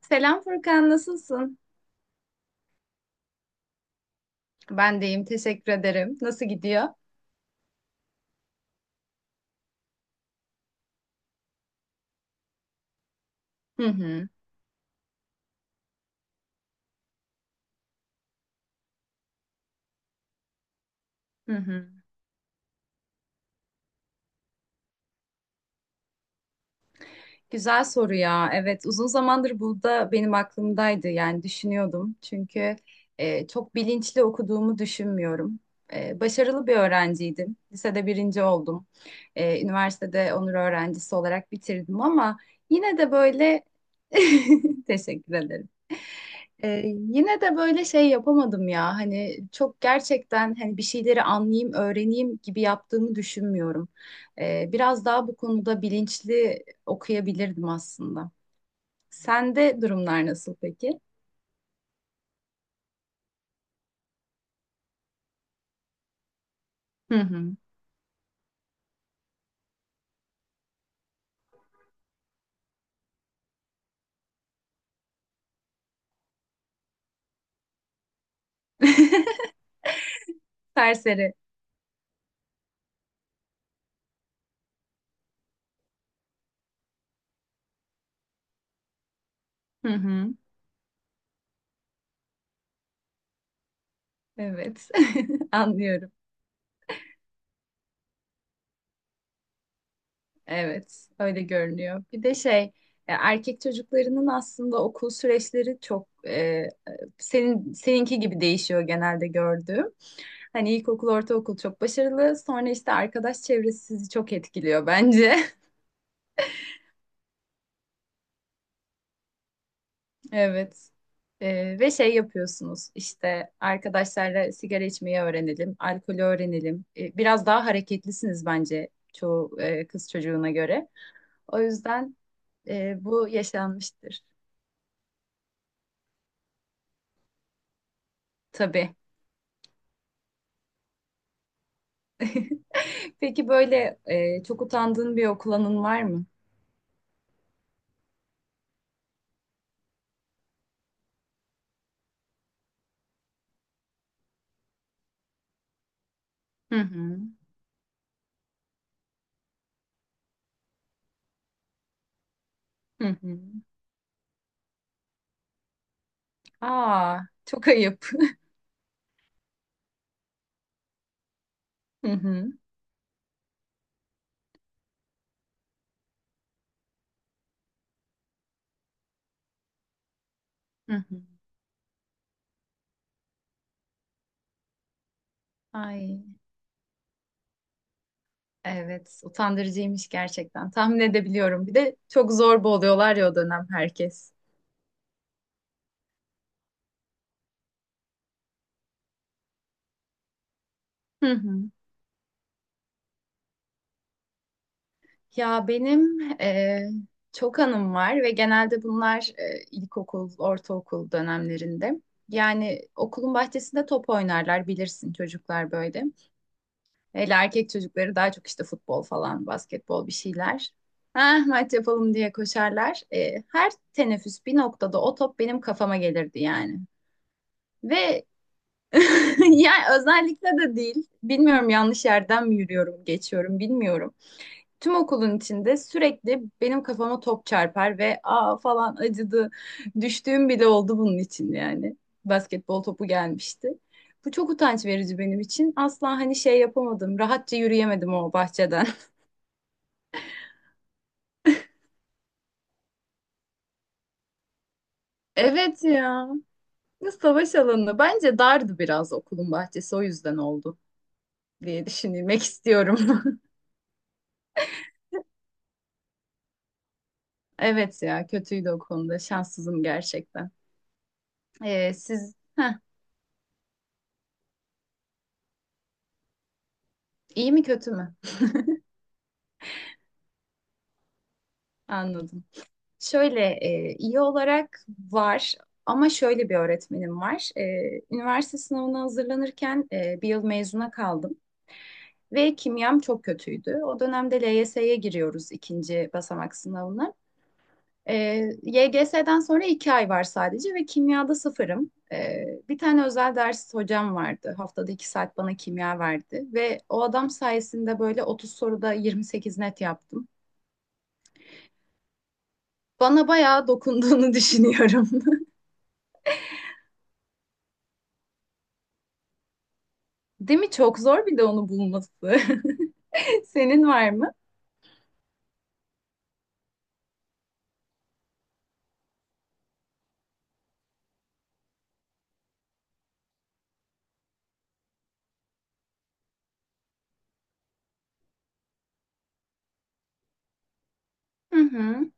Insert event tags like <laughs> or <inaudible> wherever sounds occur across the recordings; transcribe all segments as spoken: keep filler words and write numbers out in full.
Selam Furkan, nasılsın? Ben deyim, teşekkür ederim. Nasıl gidiyor? Hı hı. Hı hı. Güzel soru ya. Evet, uzun zamandır bu da benim aklımdaydı. Yani düşünüyordum. Çünkü e, çok bilinçli okuduğumu düşünmüyorum. E, başarılı bir öğrenciydim. Lisede birinci oldum. E, üniversitede onur öğrencisi olarak bitirdim ama yine de böyle <laughs> teşekkür ederim. E, yine de böyle şey yapamadım ya. Hani çok gerçekten hani bir şeyleri anlayayım, öğreneyim gibi yaptığımı düşünmüyorum. Ee, biraz daha bu konuda bilinçli okuyabilirdim aslında. Sende durumlar nasıl peki? Hı hı. <laughs> Serseri. Hı hı. Evet. <laughs> Anlıyorum. Evet, öyle görünüyor. Bir de şey, e, erkek çocuklarının aslında okul süreçleri çok e, senin seninki gibi değişiyor genelde gördüğüm. Hani ilkokul, ortaokul çok başarılı. Sonra işte arkadaş çevresi sizi çok etkiliyor bence. <laughs> Evet. Ee, ve şey yapıyorsunuz işte arkadaşlarla sigara içmeyi öğrenelim, alkolü öğrenelim. Ee, biraz daha hareketlisiniz bence çoğu e, kız çocuğuna göre. O yüzden e, bu yaşanmıştır tabii. <laughs> Peki böyle e, çok utandığın bir okul anın var mı? Hı hı. Hı hı. Aa, çok ayıp. <laughs> Hı hı. Hı hı. Ay, evet, utandırıcıymış gerçekten. Tahmin edebiliyorum. Bir de çok zorba oluyorlar ya o dönem herkes. Hı hı. Ya benim eee, çok anım var ve genelde bunlar eee, ilkokul, ortaokul dönemlerinde. Yani okulun bahçesinde top oynarlar bilirsin çocuklar böyle. Hele erkek çocukları daha çok işte futbol falan, basketbol bir şeyler. Ha maç yapalım diye koşarlar. Eee, her teneffüs bir noktada o top benim kafama gelirdi yani. Ve <laughs> yani özellikle de değil. Bilmiyorum yanlış yerden mi yürüyorum, geçiyorum bilmiyorum. Tüm okulun içinde sürekli benim kafama top çarpar ve aa falan acıdı. Düştüğüm bile oldu bunun için yani. Basketbol topu gelmişti. Bu çok utanç verici benim için. Asla hani şey yapamadım. Rahatça yürüyemedim o bahçeden. <laughs> Evet ya. Ne savaş alanı. Bence dardı biraz okulun bahçesi. O yüzden oldu diye düşünmek istiyorum. <laughs> Evet ya kötüydü o konuda. Şanssızım gerçekten. Ee, siz Heh, iyi mi kötü mü? Anladım. Şöyle e, iyi olarak var ama şöyle bir öğretmenim var. E, üniversite sınavına hazırlanırken e, bir yıl mezuna kaldım ve kimyam çok kötüydü. O dönemde L Y S'ye giriyoruz ikinci basamak sınavına. E, Y G S'den sonra iki ay var sadece ve kimyada sıfırım. E, bir tane özel ders hocam vardı. Haftada iki saat bana kimya verdi ve o adam sayesinde böyle otuz soruda yirmi sekiz net yaptım. Bana bayağı dokunduğunu <laughs> düşünüyorum. Değil mi? Çok zor bir de onu bulması. <laughs> Senin var mı? Hı hı.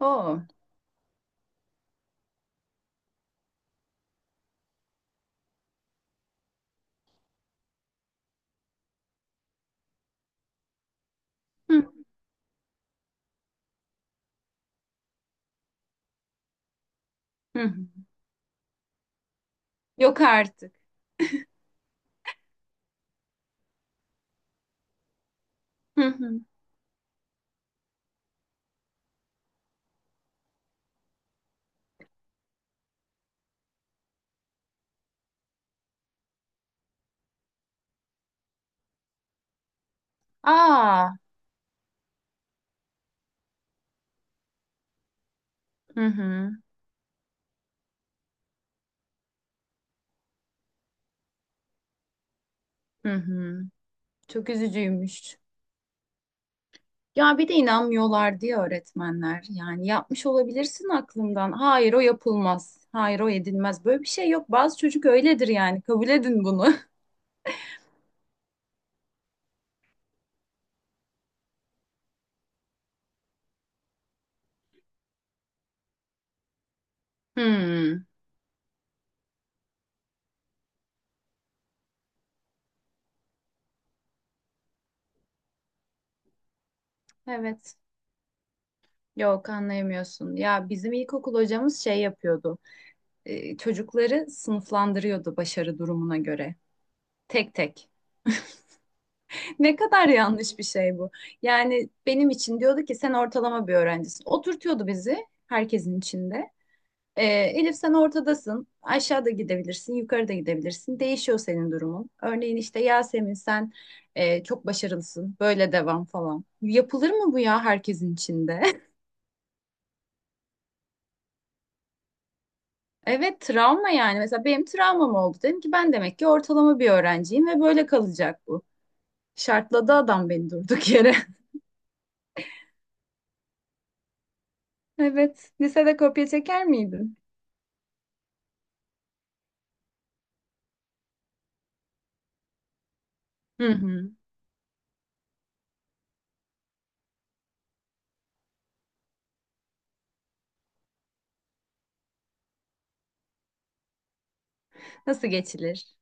Oo. Hı hı. Yok artık. Hı hı. Aa. Hı hı. Hı hı. Çok üzücüymüş. Ya bir de inanmıyorlar diye öğretmenler. Yani yapmış olabilirsin aklımdan. Hayır o yapılmaz. Hayır o edilmez. Böyle bir şey yok. Bazı çocuk öyledir yani. Kabul edin bunu. <laughs> Hmm. Evet. Yok anlayamıyorsun. Ya bizim ilkokul hocamız şey yapıyordu. e, çocukları sınıflandırıyordu başarı durumuna göre. Tek tek. Ne kadar yanlış bir şey bu. Yani benim için diyordu ki sen ortalama bir öğrencisin. Oturtuyordu bizi herkesin içinde. E, Elif sen ortadasın. Aşağıda gidebilirsin, yukarıda gidebilirsin. Değişiyor senin durumun. Örneğin işte Yasemin sen e, çok başarılısın. Böyle devam falan. Yapılır mı bu ya herkesin içinde? <laughs> Evet travma yani. Mesela benim travmam oldu. Dedim ki ben demek ki ortalama bir öğrenciyim ve böyle kalacak bu. Şartladı adam beni durduk yere. <laughs> Evet. Lisede kopya çeker miydin? Hı hı. Nasıl geçilir?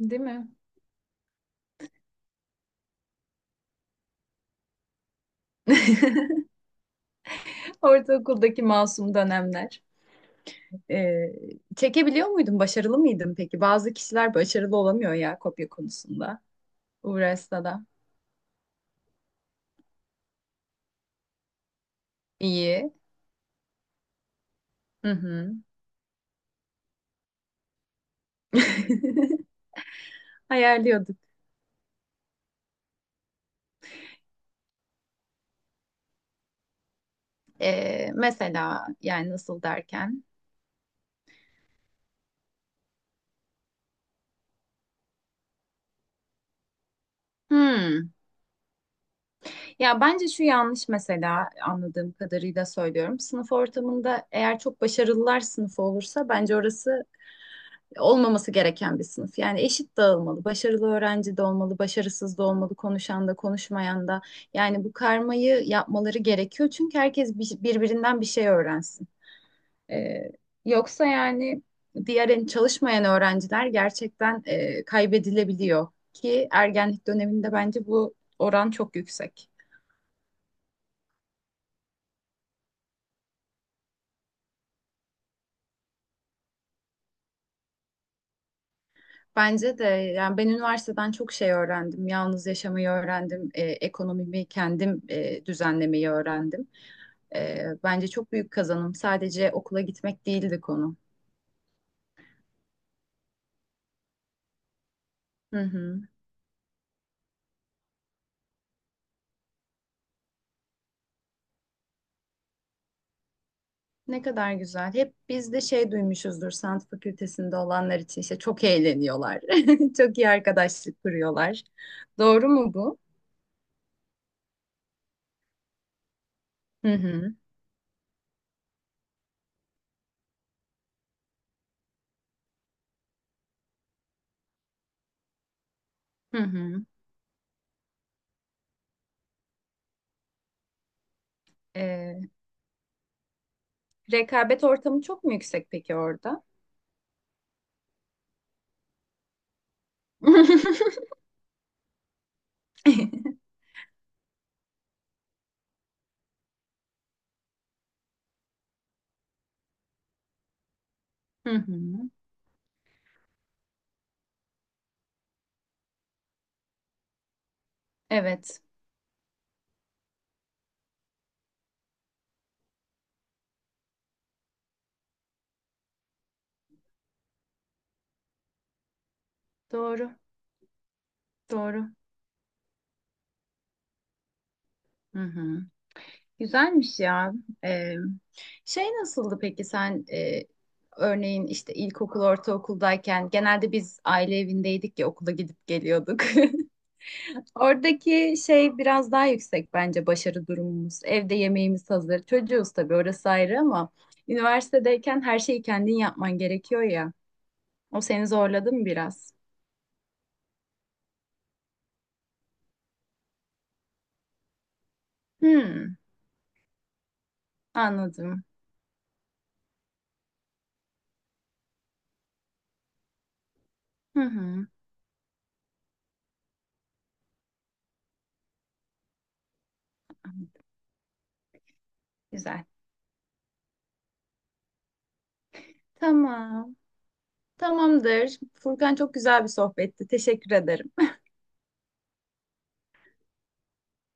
Değil mi? Ortaokuldaki masum dönemler. Ee, çekebiliyor muydun? Başarılı mıydın peki? Bazı kişiler başarılı olamıyor ya kopya konusunda. Uğraşsa da. İyi. Hı hı. Ayarlıyorduk. Ee, mesela yani nasıl derken? Hmm. Ya bence şu yanlış mesela anladığım kadarıyla söylüyorum. Sınıf ortamında eğer çok başarılılar sınıfı olursa bence orası olmaması gereken bir sınıf. Yani eşit dağılmalı. Başarılı öğrenci de olmalı, başarısız da olmalı, konuşan da, konuşmayan da. Yani bu karmayı yapmaları gerekiyor. Çünkü herkes bir- birbirinden bir şey öğrensin. Ee, yoksa yani diğer en- çalışmayan öğrenciler gerçekten e, kaybedilebiliyor ki ergenlik döneminde bence bu oran çok yüksek. Bence de yani ben üniversiteden çok şey öğrendim. Yalnız yaşamayı öğrendim, e, ekonomimi kendim e, düzenlemeyi öğrendim. E, bence çok büyük kazanım. Sadece okula gitmek değildi konu. Hı hı. Ne kadar güzel. Hep biz de şey duymuşuzdur sanat fakültesinde olanlar için işte çok eğleniyorlar. <laughs> Çok iyi arkadaşlık kuruyorlar. Doğru mu bu? Hı hı. Hı hı. E, rekabet ortamı çok mu yüksek peki orada? <laughs> Hı hı. Evet, doğru. Doğru. Hı hı. Güzelmiş ya. Ee, şey nasıldı peki sen e, örneğin işte ilkokul, ortaokuldayken genelde biz aile evindeydik ya okula gidip geliyorduk. <laughs> Oradaki şey biraz daha yüksek bence başarı durumumuz. Evde yemeğimiz hazır. Çocuğuz tabii orası ayrı ama üniversitedeyken her şeyi kendin yapman gerekiyor ya. O seni zorladı mı biraz? Hmm, anladım. Hı hı. Güzel. Tamam. Tamamdır. Furkan çok güzel bir sohbetti. Teşekkür ederim.